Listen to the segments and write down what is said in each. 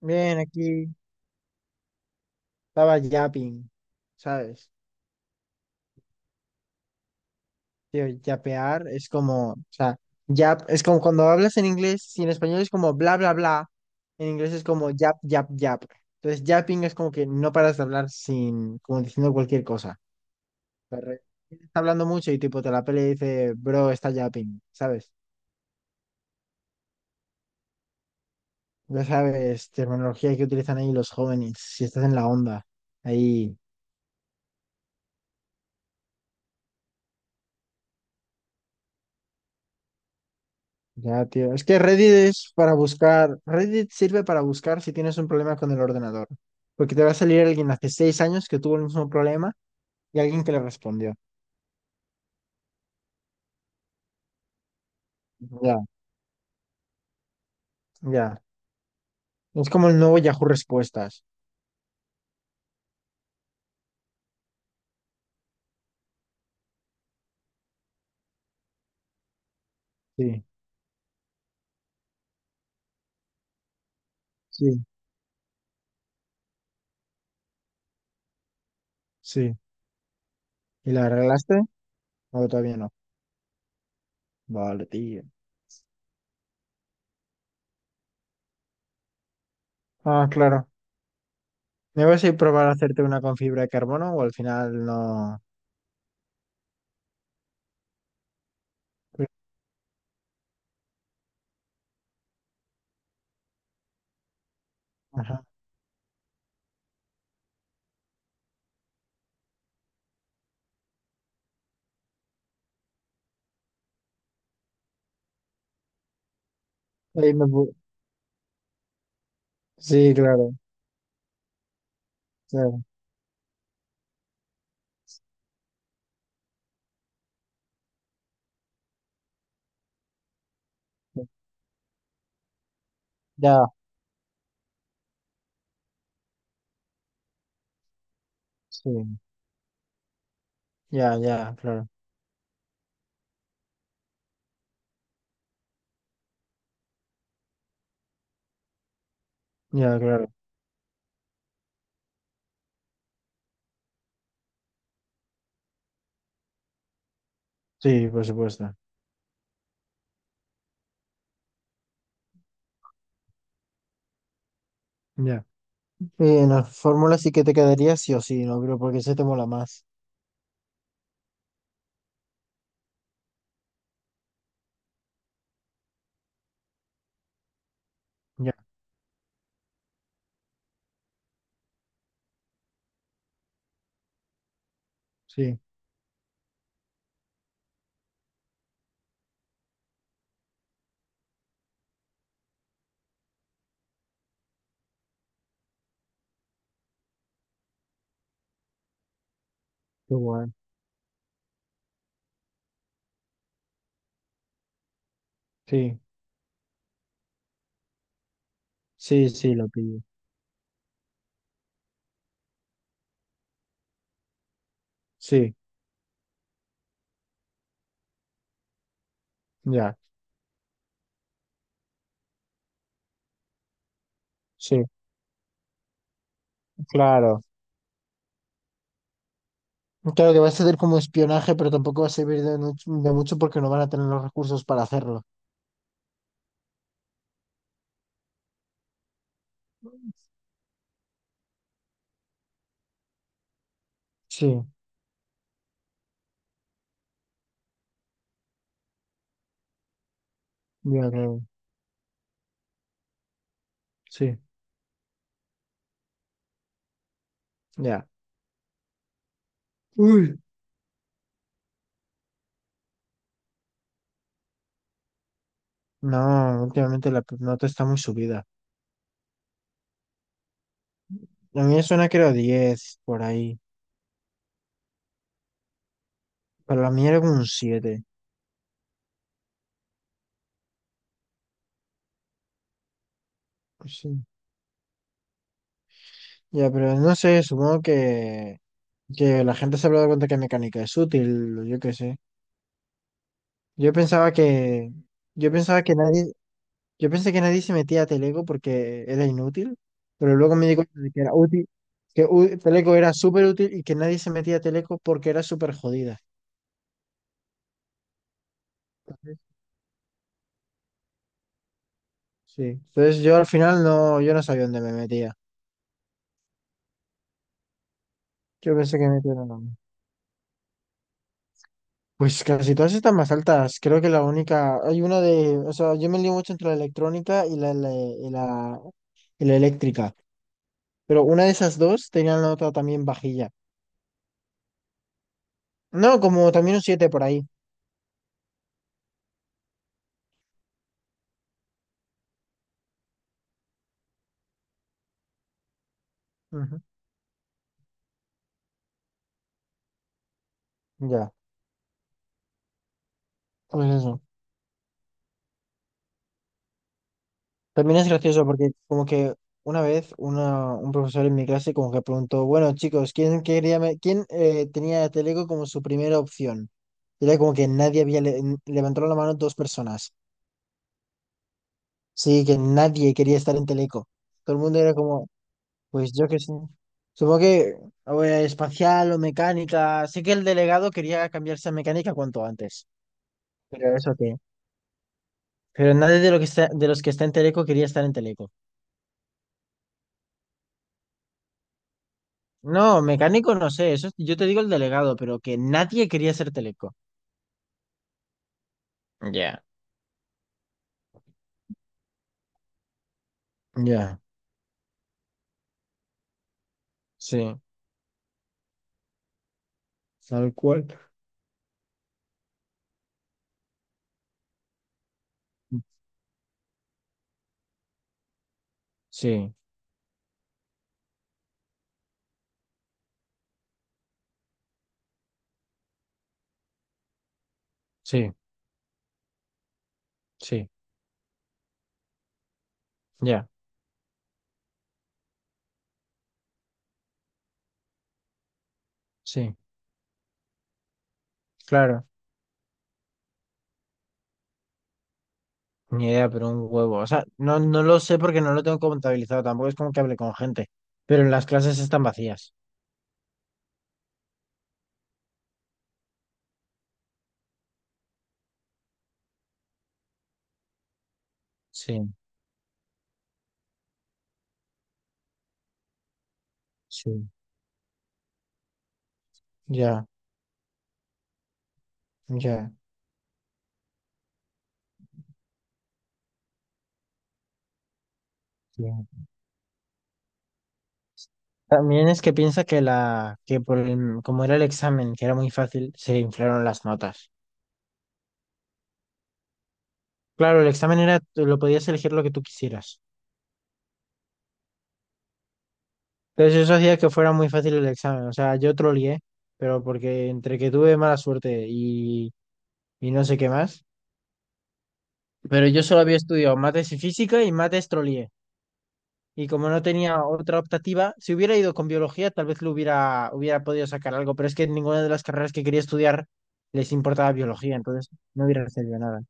Bien, aquí estaba yapping, ¿sabes? Tío, yapear es como, o sea, yap, es como cuando hablas en inglés, si en español es como bla, bla, bla, en inglés es como yap, yap, yap. Entonces, yapping es como que no paras de hablar sin, como diciendo cualquier cosa. Correcto. Está hablando mucho y tipo te la pelea y dice, bro, está yapping, ¿sabes? Ya sabes, terminología que utilizan ahí los jóvenes, si estás en la onda, ahí. Ya, tío. Es que Reddit es para buscar. Reddit sirve para buscar si tienes un problema con el ordenador. Porque te va a salir alguien hace 6 años que tuvo el mismo problema y alguien que le respondió. Ya, ya. Es como el nuevo Yahoo Respuestas. Sí, sí, sí. ¿Y la arreglaste? ¿O todavía no? Vale, tío. Ah, claro. ¿Me vas a ir a probar a hacerte una con fibra de carbono o al final no? Ajá. Ahí me pu- Sí, claro, claro. Ya, sí. Ya, ya, claro. Ya, claro. Sí, por supuesto. Ya. Y en la fórmula sí que te quedaría sí o sí, no creo, porque ese te mola más. Ya, sí. Qué bueno. Sí, sí, sí, lo pillo. Sí, ya, sí, claro. Claro que va a ser como espionaje, pero tampoco va a servir de mucho porque no van a tener los recursos para hacerlo. Sí, ya creo. Sí, ya. Uy, no, últimamente la nota está muy subida. La mía suena que era 10 por ahí, pero la mía era como un 7. Sí. Ya, pero no sé, supongo que la gente se habrá dado cuenta que mecánica es útil, yo qué sé. Yo pensaba que, yo pensaba que nadie, yo pensé que nadie se metía a Teleco porque era inútil, pero luego me di cuenta de que era útil, que Teleco era súper útil y que nadie se metía a Teleco porque era súper jodida. Sí. Entonces yo al final no, yo no sabía dónde me metía. Yo pensé que me metía en la normal. Pues casi todas están más altas. Creo que la única, hay una de, o sea, yo me lío mucho entre la electrónica y y la eléctrica. Pero una de esas dos tenía la nota también vajilla. No, como también un 7 por ahí. Ujú. Ya, pues eso. También es gracioso porque como que una vez una, un profesor en mi clase como que preguntó, bueno chicos, ¿quién, tenía Teleco como su primera opción? Y era como que nadie había levantado la mano, dos personas. Sí, que nadie quería estar en Teleco. Todo el mundo era como, pues yo que sé. Supongo que o era espacial o mecánica. Sé que el delegado quería cambiarse a mecánica cuanto antes. Pero eso qué. Pero nadie de, lo que está, de los que está en Teleco quería estar en Teleco. No, mecánico no sé. Eso, yo te digo el delegado, pero que nadie quería ser Teleco. Ya. Ya, sí, tal cual. Sí, sí, sí, ya, sí, claro. Ni idea, pero un huevo. O sea, no, no lo sé porque no lo tengo contabilizado. Tampoco es como que hable con gente. Pero las clases están vacías. Sí. Sí, ya, ya. Entiendo. También es que piensa que la, que como era el examen, que era muy fácil, se inflaron las notas. Claro, el examen era, tú lo podías elegir lo que tú quisieras. Entonces eso hacía que fuera muy fácil el examen. O sea, yo trolié, pero porque entre que tuve mala suerte y no sé qué más. Pero yo solo había estudiado mates y física, y mates trolié. Y como no tenía otra optativa, si hubiera ido con biología, tal vez lo hubiera podido sacar algo, pero es que en ninguna de las carreras que quería estudiar les importaba biología, entonces no hubiera recibido nada.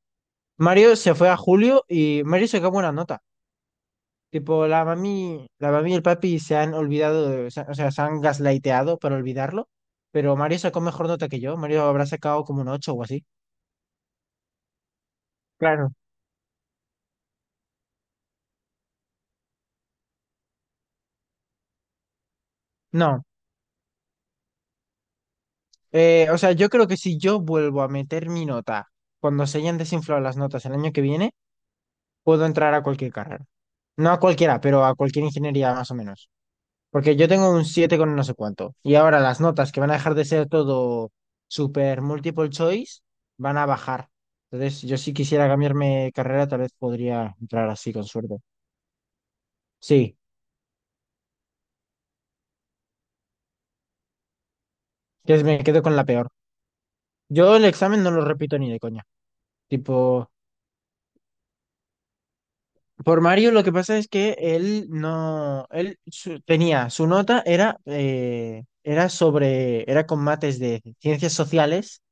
Mario se fue a julio y Mario sacó buena nota. Tipo, la mami y el papi se han olvidado, o sea, se han gaslighteado para olvidarlo, pero Mario sacó mejor nota que yo. Mario habrá sacado como un 8 o así. Claro. No. O sea, yo creo que si yo vuelvo a meter mi nota cuando se hayan desinflado las notas el año que viene, puedo entrar a cualquier carrera. No a cualquiera, pero a cualquier ingeniería más o menos. Porque yo tengo un 7 con no sé cuánto. Y ahora las notas que van a dejar de ser todo super multiple choice van a bajar. Entonces, yo si quisiera cambiarme de carrera, tal vez podría entrar así con suerte. Sí, que me quedo con la peor. Yo el examen no lo repito ni de coña. Tipo, por Mario lo que pasa es que él no, tenía, su nota era con mates de ciencias sociales.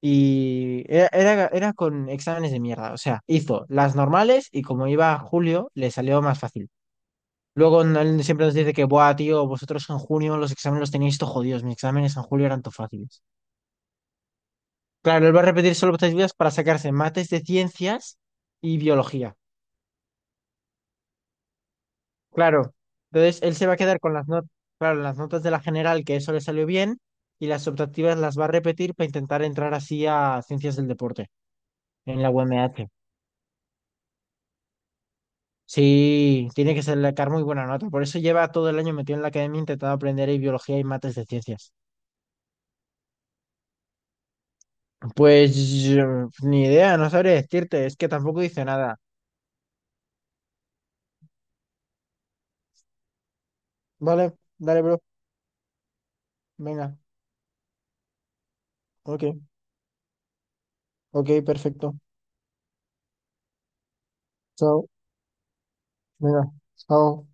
Y era con exámenes de mierda. O sea, hizo las normales y como iba a julio, le salió más fácil. Luego él siempre nos dice que, buah, tío, vosotros en junio los exámenes los tenéis todo jodidos. Mis exámenes en julio eran todo fáciles. Claro, él va a repetir solo tres vidas para sacarse mates de ciencias y biología. Claro. Entonces él se va a quedar con las notas, claro, las notas de la general, que eso le salió bien, y las optativas las va a repetir para intentar entrar así a ciencias del deporte en la UMH. Sí, tiene que sacar muy buena nota. Por eso lleva todo el año metido en la academia intentando aprender ahí biología y mates de ciencias. Pues yo, ni idea, no sabría decirte. Es que tampoco dice nada. Vale, dale, bro. Venga. Ok, ok, perfecto. Chao. Venga, chao.